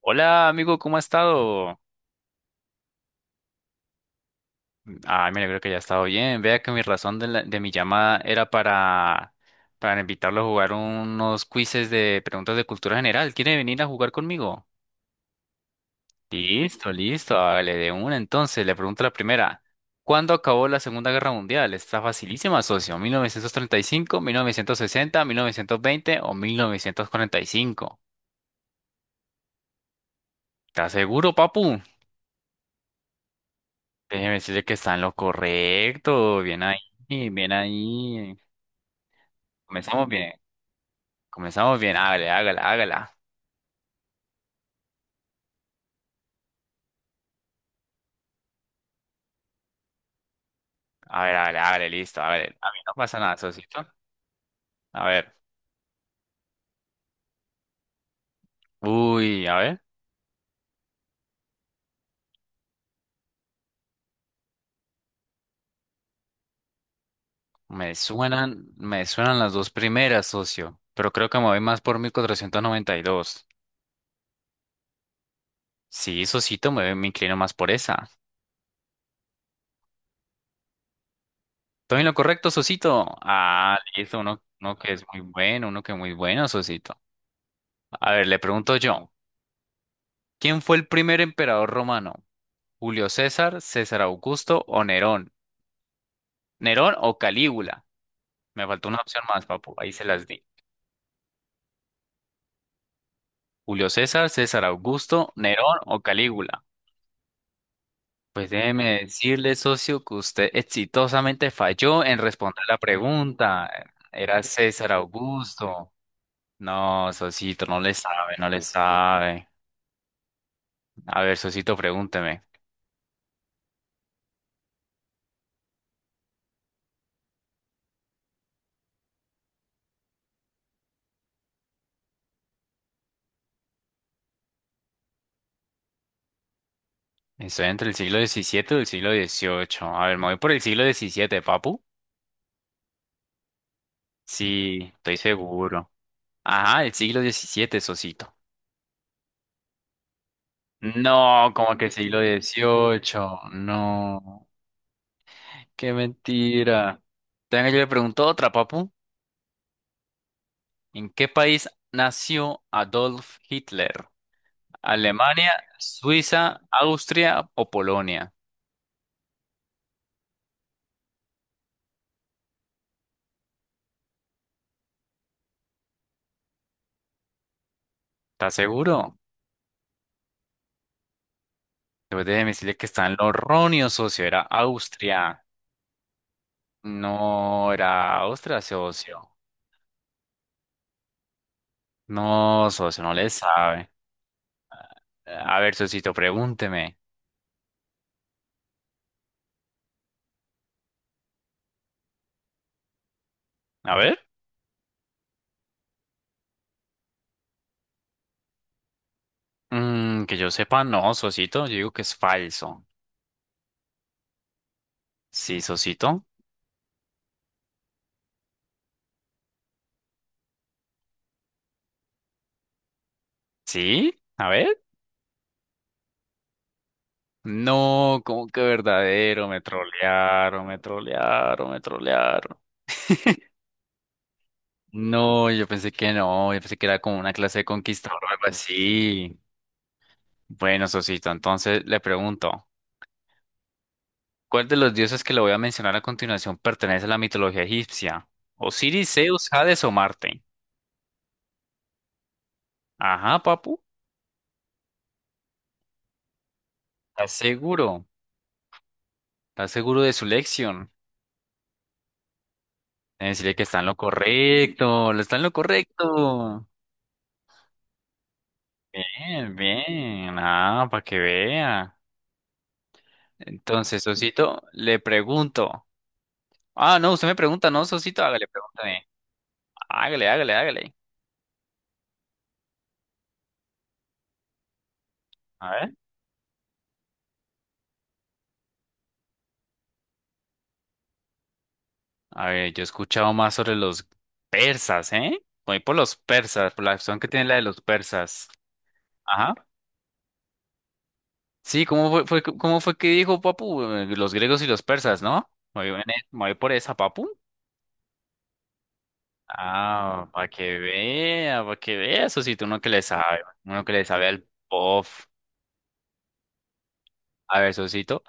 Hola amigo, ¿cómo ha estado? Ah, me alegro que haya estado bien. Vea que mi razón de mi llamada era para invitarlo a jugar unos quizzes de preguntas de cultura general. ¿Quiere venir a jugar conmigo? Listo, listo, hágale de una. Entonces, le pregunto la primera. ¿Cuándo acabó la Segunda Guerra Mundial? Está facilísima, socio. ¿1935, 1960, 1920 o 1945? ¿Estás seguro, papu? Déjeme decirle que está en lo correcto. Bien ahí, bien ahí. Comenzamos bien, comenzamos bien, hágale, hágale, hágala. A ver, hágale, hágale, listo, hágale. A mí no pasa nada, socito. A ver, uy, a ver, me suenan las dos primeras, socio, pero creo que me voy más por 1492. Sí, socito, me inclino más por esa. ¿Estoy en lo correcto, socito? Ah, listo, uno, uno que es muy bueno, uno que es muy bueno, socito. A ver, le pregunto yo, ¿quién fue el primer emperador romano? ¿Julio César, César Augusto o Nerón? ¿Nerón o Calígula? Me faltó una opción más, papu. Ahí se las di. Julio César, César Augusto, Nerón o Calígula. Pues déjeme decirle, socio, que usted exitosamente falló en responder la pregunta. Era César Augusto. No, socito, no le sabe, no le sabe. A ver, socito, pregúnteme. Estoy entre el siglo XVII y el siglo XVIII. A ver, me voy por el siglo XVII, papu. Sí, estoy seguro. Ajá, el siglo XVII, socito. No, como que siglo XVIII, no, qué mentira. Tenga, yo le pregunto otra, papu. ¿En qué país nació Adolf Hitler? ¿Alemania, Suiza, Austria o Polonia? ¿Estás seguro? Después de decirle que está en lo erróneo, socio. Era Austria. No, era Austria, socio. No, socio, no le sabe. A ver, socito, pregúnteme. A ver. Mm, que yo sepa, no, socito, yo digo que es falso. Sí, Sosito. Sí, a ver. No, como que verdadero, me trolearon, me trolearon, me trolearon. No, yo pensé que no, yo pensé que era como una clase de conquistador o algo así. Bueno, Sosito, entonces le pregunto, ¿cuál de los dioses que le voy a mencionar a continuación pertenece a la mitología egipcia? ¿Osiris, Zeus, Hades o Marte? Ajá, papu, ¿estás seguro? ¿Estás seguro de su lección? Debe decirle que está en lo correcto, lo está en lo correcto. Bien, bien, ah, para que vea. Entonces, Sosito, le pregunto. Ah, no, usted me pregunta, no, Sosito, hágale, pregúntame. Hágale, hágale, hágale. A ver. A ver, yo he escuchado más sobre los persas, ¿eh? Voy por los persas, por la acción que tiene la de los persas. Ajá. Sí, ¿cómo fue, cómo fue que dijo Papu? Los griegos y los persas, ¿no? Muy bien, me voy por esa, Papu. Ah, para que vea, Sosito, uno que le sabe, uno que le sabe al pof. A ver, Sosito,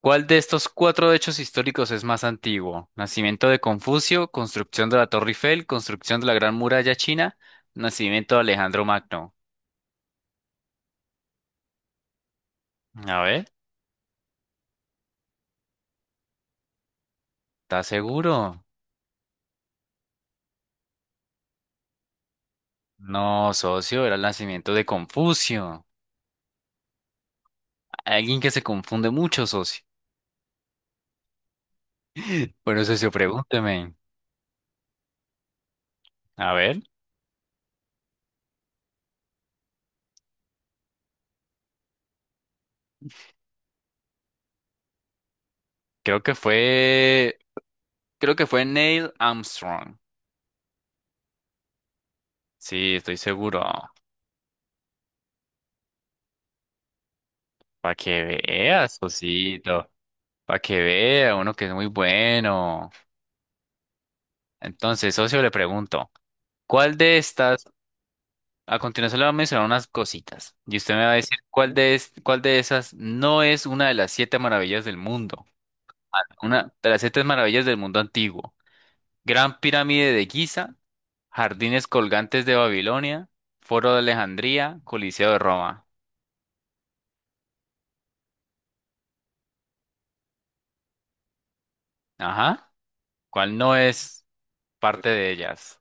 ¿cuál de estos cuatro hechos históricos es más antiguo? Nacimiento de Confucio, construcción de la Torre Eiffel, construcción de la Gran Muralla China, nacimiento de Alejandro Magno. A ver, ¿estás seguro? No, socio, era el nacimiento de Confucio. Alguien que se confunde mucho, socio. Bueno, socio, pregúnteme. A ver, creo que fue, creo que fue Neil Armstrong. Sí, estoy seguro. Para que veas, Sosito. Para que vea uno que es muy bueno. Entonces, socio, le pregunto, ¿cuál de estas, a continuación le voy a mencionar unas cositas, y usted me va a decir cuál de esas no es una de las siete maravillas del mundo? Una de las siete maravillas del mundo antiguo. Gran pirámide de Giza, jardines colgantes de Babilonia, Foro de Alejandría, Coliseo de Roma. Ajá, ¿cuál no es parte de ellas?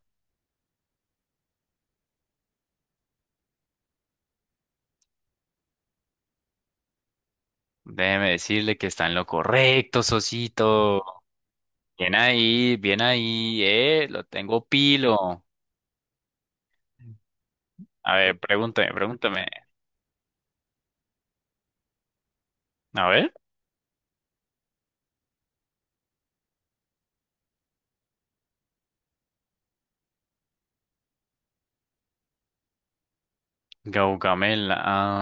Déjeme decirle que está en lo correcto, socito. Bien ahí, lo tengo pilo. A ver, pregúntame, pregúntame. A ver, Gaugamela,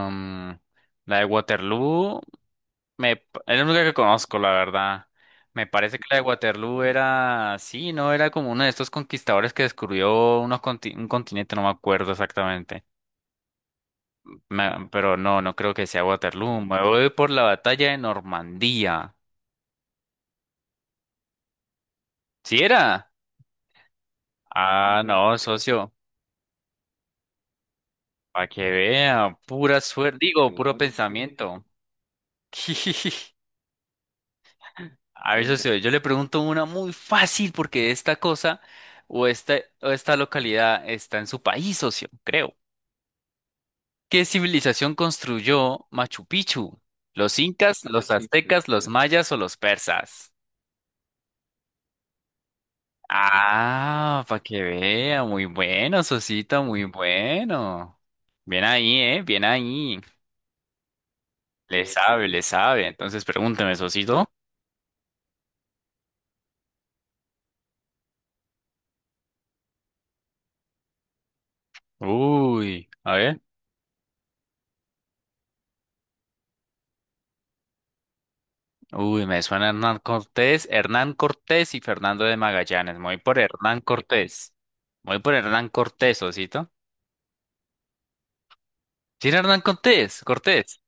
am, la de Waterloo, es la única que conozco, la verdad. Me parece que la de Waterloo era, sí, no, era como uno de estos conquistadores que descubrió un continente, no me acuerdo exactamente. Pero no, no creo que sea Waterloo. Me voy por la batalla de Normandía. ¿Sí era? Ah, no, socio. Para que vean, pura suerte, digo, puro pensamiento. A ver, socio, yo le pregunto una muy fácil porque esta cosa o esta, o esta localidad está en su país, socio, creo. ¿Qué civilización construyó Machu Picchu? ¿Los incas, los Machu Picchu. Aztecas, los mayas o los persas? Ah, para que vea, muy bueno, socito, muy bueno. Bien ahí, ¿eh? Bien ahí. Le Sí, sabe, le sabe. Entonces pregúnteme, socito. Uy, a ver. Uy, me suena Hernán Cortés, Hernán Cortés y Fernando de Magallanes. Me voy por Hernán Cortés. Me voy por Hernán Cortés, Osito. ¿Sí era Hernán Cortés? Cortés.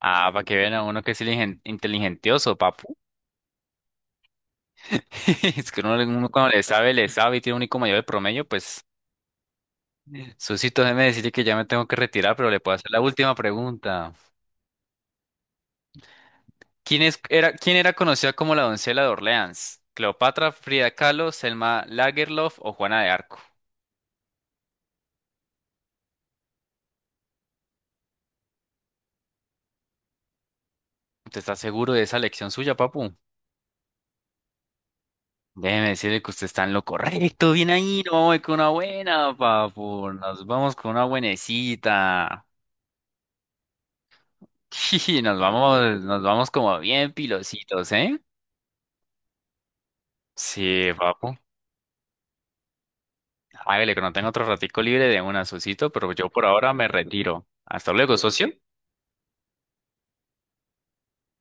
Ah, para que vean a uno que es inteligentioso, papu. Es que uno, uno cuando le sabe y tiene un IQ mayor de promedio, pues. Susito, déjeme decirle que ya me tengo que retirar, pero le puedo hacer la última pregunta. ¿Quién era conocida como la doncella de Orleans? ¿Cleopatra, Frida Kahlo, Selma Lagerlof o Juana de Arco? ¿Usted está seguro de esa elección suya, papu? Déjeme decirle que usted está en lo correcto. Bien ahí, no vamos con una buena, papu. Nos vamos con una buenecita. Sí, nos vamos como bien pilositos, ¿eh? Sí, papu. Hágale, que no tengo otro ratico libre de una, socito, pero yo por ahora me retiro. Hasta luego, socio.